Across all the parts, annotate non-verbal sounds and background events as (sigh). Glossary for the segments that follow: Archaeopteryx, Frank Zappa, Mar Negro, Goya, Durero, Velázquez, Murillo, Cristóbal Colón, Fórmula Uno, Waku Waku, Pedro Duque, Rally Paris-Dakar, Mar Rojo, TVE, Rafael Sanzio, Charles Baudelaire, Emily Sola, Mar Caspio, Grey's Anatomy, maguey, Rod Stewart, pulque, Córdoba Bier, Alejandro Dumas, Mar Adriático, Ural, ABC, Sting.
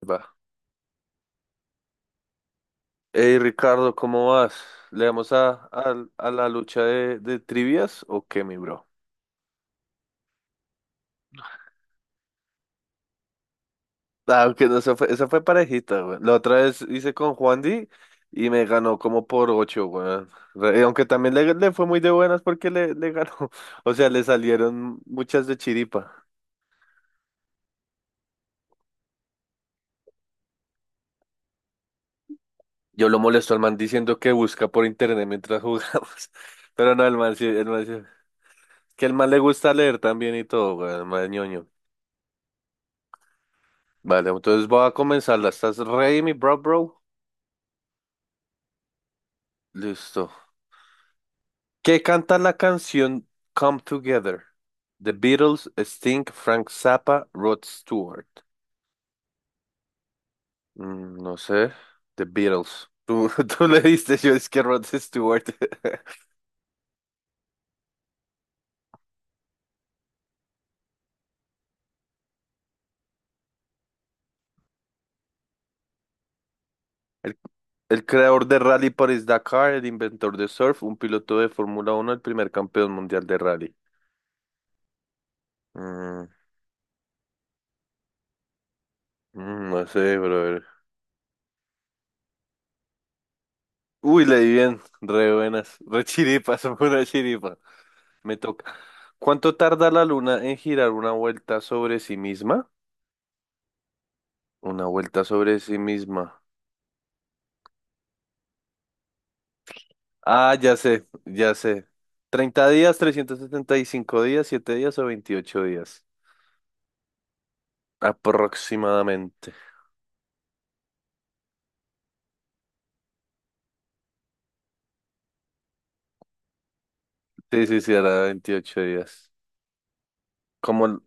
Va. Hey Ricardo, ¿cómo vas? ¿Le damos a la lucha de trivias o qué, mi bro? Ah, aunque no, esa fue parejita, güey. La otra vez hice con Juan Di y me ganó como por ocho, güey. Aunque también le fue muy de buenas porque le ganó. (laughs) O sea, le salieron muchas de chiripa. Yo lo molesto al man diciendo que busca por internet mientras jugamos. (laughs) Pero no, que el man le gusta leer también y todo, güey. El man es ñoño. Vale, entonces voy a comenzarla. ¿Estás ready, mi bro? Listo. ¿Qué canta la canción Come Together? The Beatles, Sting, Frank Zappa, Rod Stewart. No sé. The Beatles. Tú, (laughs) tú le diste, yo es que Rod Stewart. (laughs) El, el creador de Rally Paris-Dakar, el inventor de surf, un piloto de Fórmula Uno el primer campeón mundial de rally. Mm, no sé, brother. Uy, le di bien. Re buenas. Re chiripas, (laughs) una chiripa. Me toca. ¿Cuánto tarda la luna en girar una vuelta sobre sí misma? Una vuelta sobre sí misma. Ah, ya sé, ya sé. 30 días, 375 días, 7 días o 28 días. Aproximadamente. Sí, sí, sí, era 28 días. Como,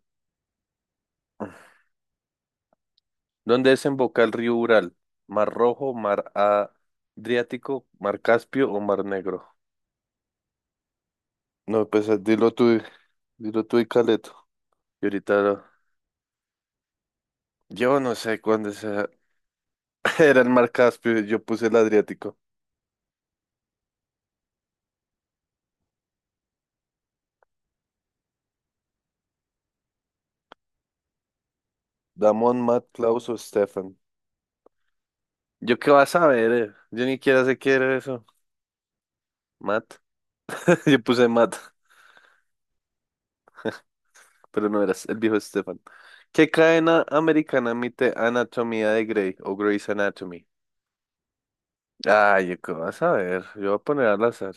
¿dónde desemboca el río Ural? ¿Mar Rojo, Mar Adriático, Mar Caspio o Mar Negro? No, pues dilo tú y Caleto. Y ahorita yo no sé cuándo es. (laughs) Era el Mar Caspio, yo puse el Adriático. Damon, Matt, Klaus o Stefan. ¿Yo qué vas a saber? Yo ni quiera sé qué era eso. Matt. (laughs) Yo puse Matt, pero no eras el viejo Stefan. ¿Qué cadena americana emite Anatomía de Grey o Grey's Anatomy? Ay, ¿yo qué vas a ver? Yo voy a poner al azar.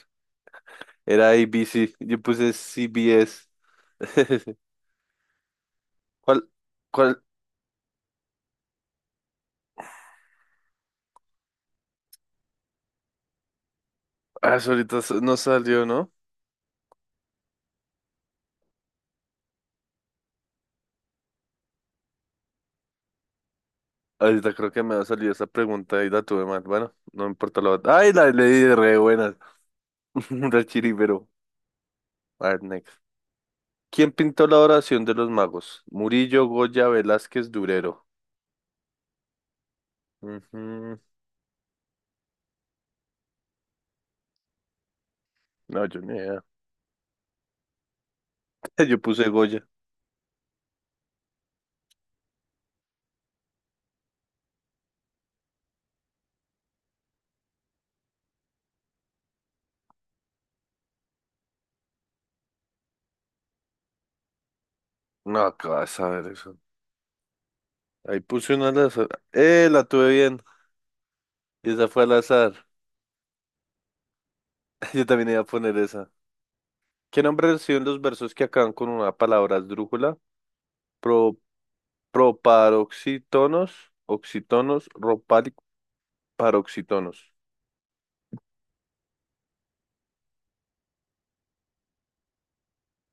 Era ABC, yo puse CBS. (laughs) ¿Cuál? ¿Cuál? Ah, eso ahorita no salió, ¿no? Ahorita creo que me ha salido esa pregunta y la tuve mal. Bueno, no me importa la otra. Ay, la leí de re buenas. (laughs) Re chiribero. A ver, next. ¿Quién pintó la oración de los magos? Murillo, Goya, Velázquez, Durero. Ujú. No, yo ni idea. (laughs) Yo puse Goya. No, ¿qué vas a ver eso? Ahí puse una al azar. La tuve bien. Y esa fue al azar. (laughs) Yo también iba a poner esa. ¿Qué nombre reciben los versos que acaban con una palabra esdrújula? Pro, Proparoxítonos, oxítonos, paroxítonos.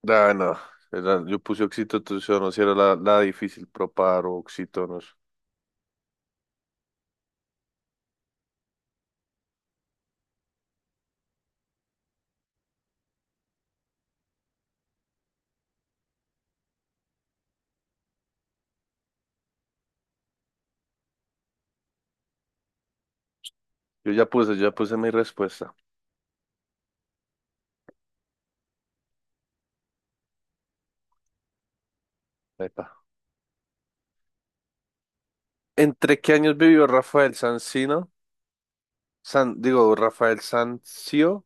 Ah, no. Yo puse oxítonos, era la difícil, pero paroxítonos. Yo ya puse mi respuesta. Epa. ¿Entre qué años vivió Rafael Sanzino? Rafael Sanzio,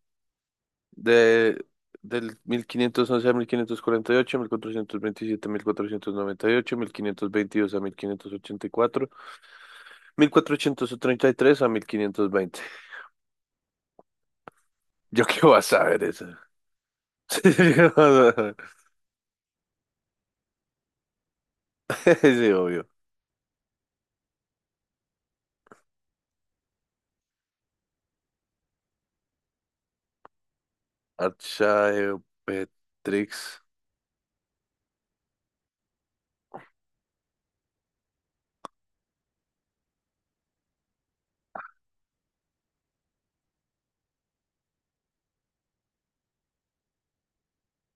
de, del 1511 a 1548, 1427 a 1498, 1522 a 1584, 1433 a 1520. Yo qué voy a saber eso. (laughs) Sí, obvio. Archaeopteryx,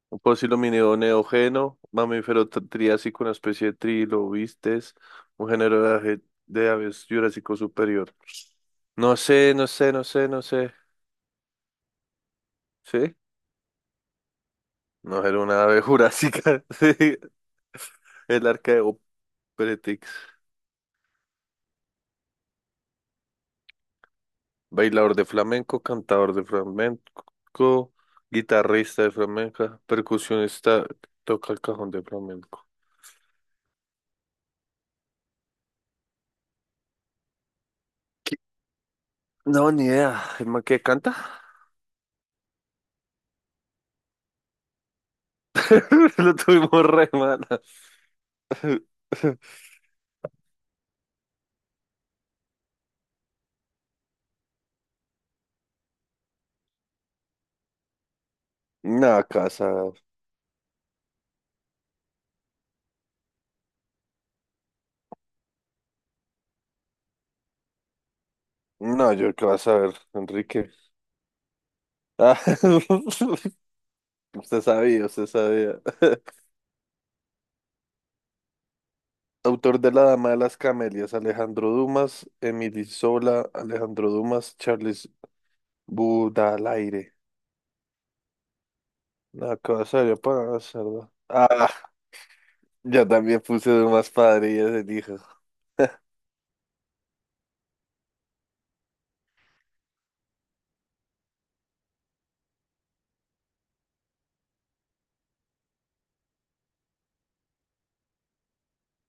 un posidominio neógeno, mamífero triásico, una especie de trilobites, un género de aves jurásico superior. No sé, no sé, no sé, no sé. ¿Sí? No era una ave jurásica. (laughs) Sí, el Archaeopteryx. Bailador de flamenco, cantador de flamenco, guitarrista de flamenca, percusionista, toca el cajón de flamenco. ¿Qué? No, ni idea. ¿El man que canta? (laughs) Lo tuvimos re mal. (laughs) No, casa. No, yo qué vas a ver, Enrique. Ah, (laughs) usted sabía, usted sabía. (laughs) Autor de La Dama de las Camelias, Alejandro Dumas, Emily Sola, Alejandro Dumas, Charles Baudelaire. No, qué vas a ver, para hacerlo. Ah, yo también puse Dumas padre y ese dijo. (laughs)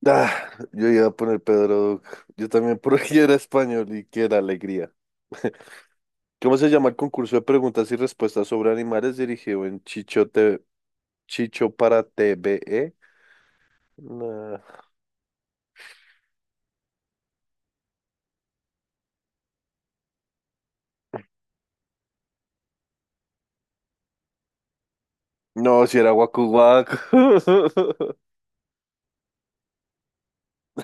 Ah, yo iba a poner Pedro Duque. Yo también (laughs) porque era español y que era alegría. (laughs) ¿Cómo se llama el concurso de preguntas y respuestas sobre animales dirigido en Chicho, Chicho para TVE? No, no, si era Waku Waku. (laughs)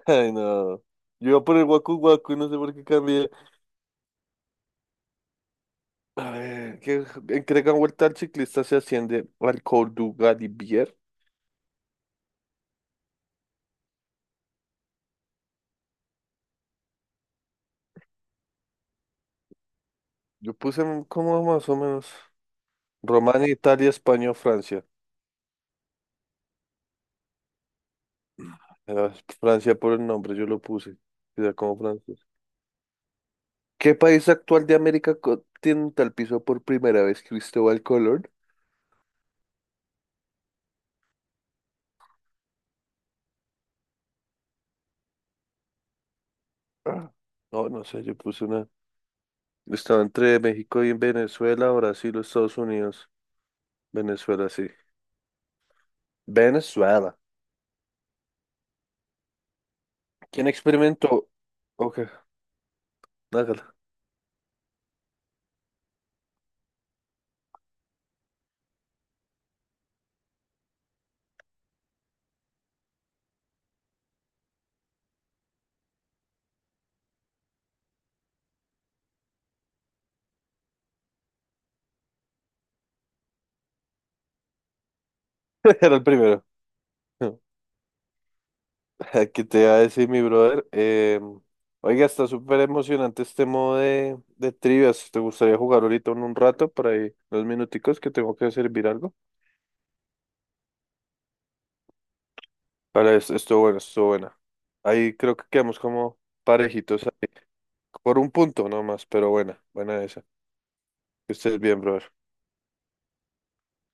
Ay, no. Yo iba por el Waku Waku y no sé por qué cambié. A ver, ¿qué entregan vuelta al ciclista se asciende al Córdoba Bier? Yo puse como más o menos Romania, Italia, España, Francia. Era Francia por el nombre, yo lo puse. Era como Francia. ¿Qué país actual de América continental pisó por primera vez Cristóbal Colón? Ah. No, no sé, yo puse una. Estaba entre México y Venezuela, Brasil o Estados Unidos. Venezuela, sí. Venezuela. ¿Quién experimentó? Ok, hágala. (laughs) Era el primero. (laughs) ¿Qué te iba a decir, mi brother? Oiga, está súper emocionante este modo de trivias. ¿Te gustaría jugar ahorita en un rato, por ahí, 2 minuticos, que tengo que servir algo? Vale, estuvo bueno, estuvo buena. Ahí creo que quedamos como parejitos ahí, por un punto nomás, pero buena, buena esa. Que estés bien, brother.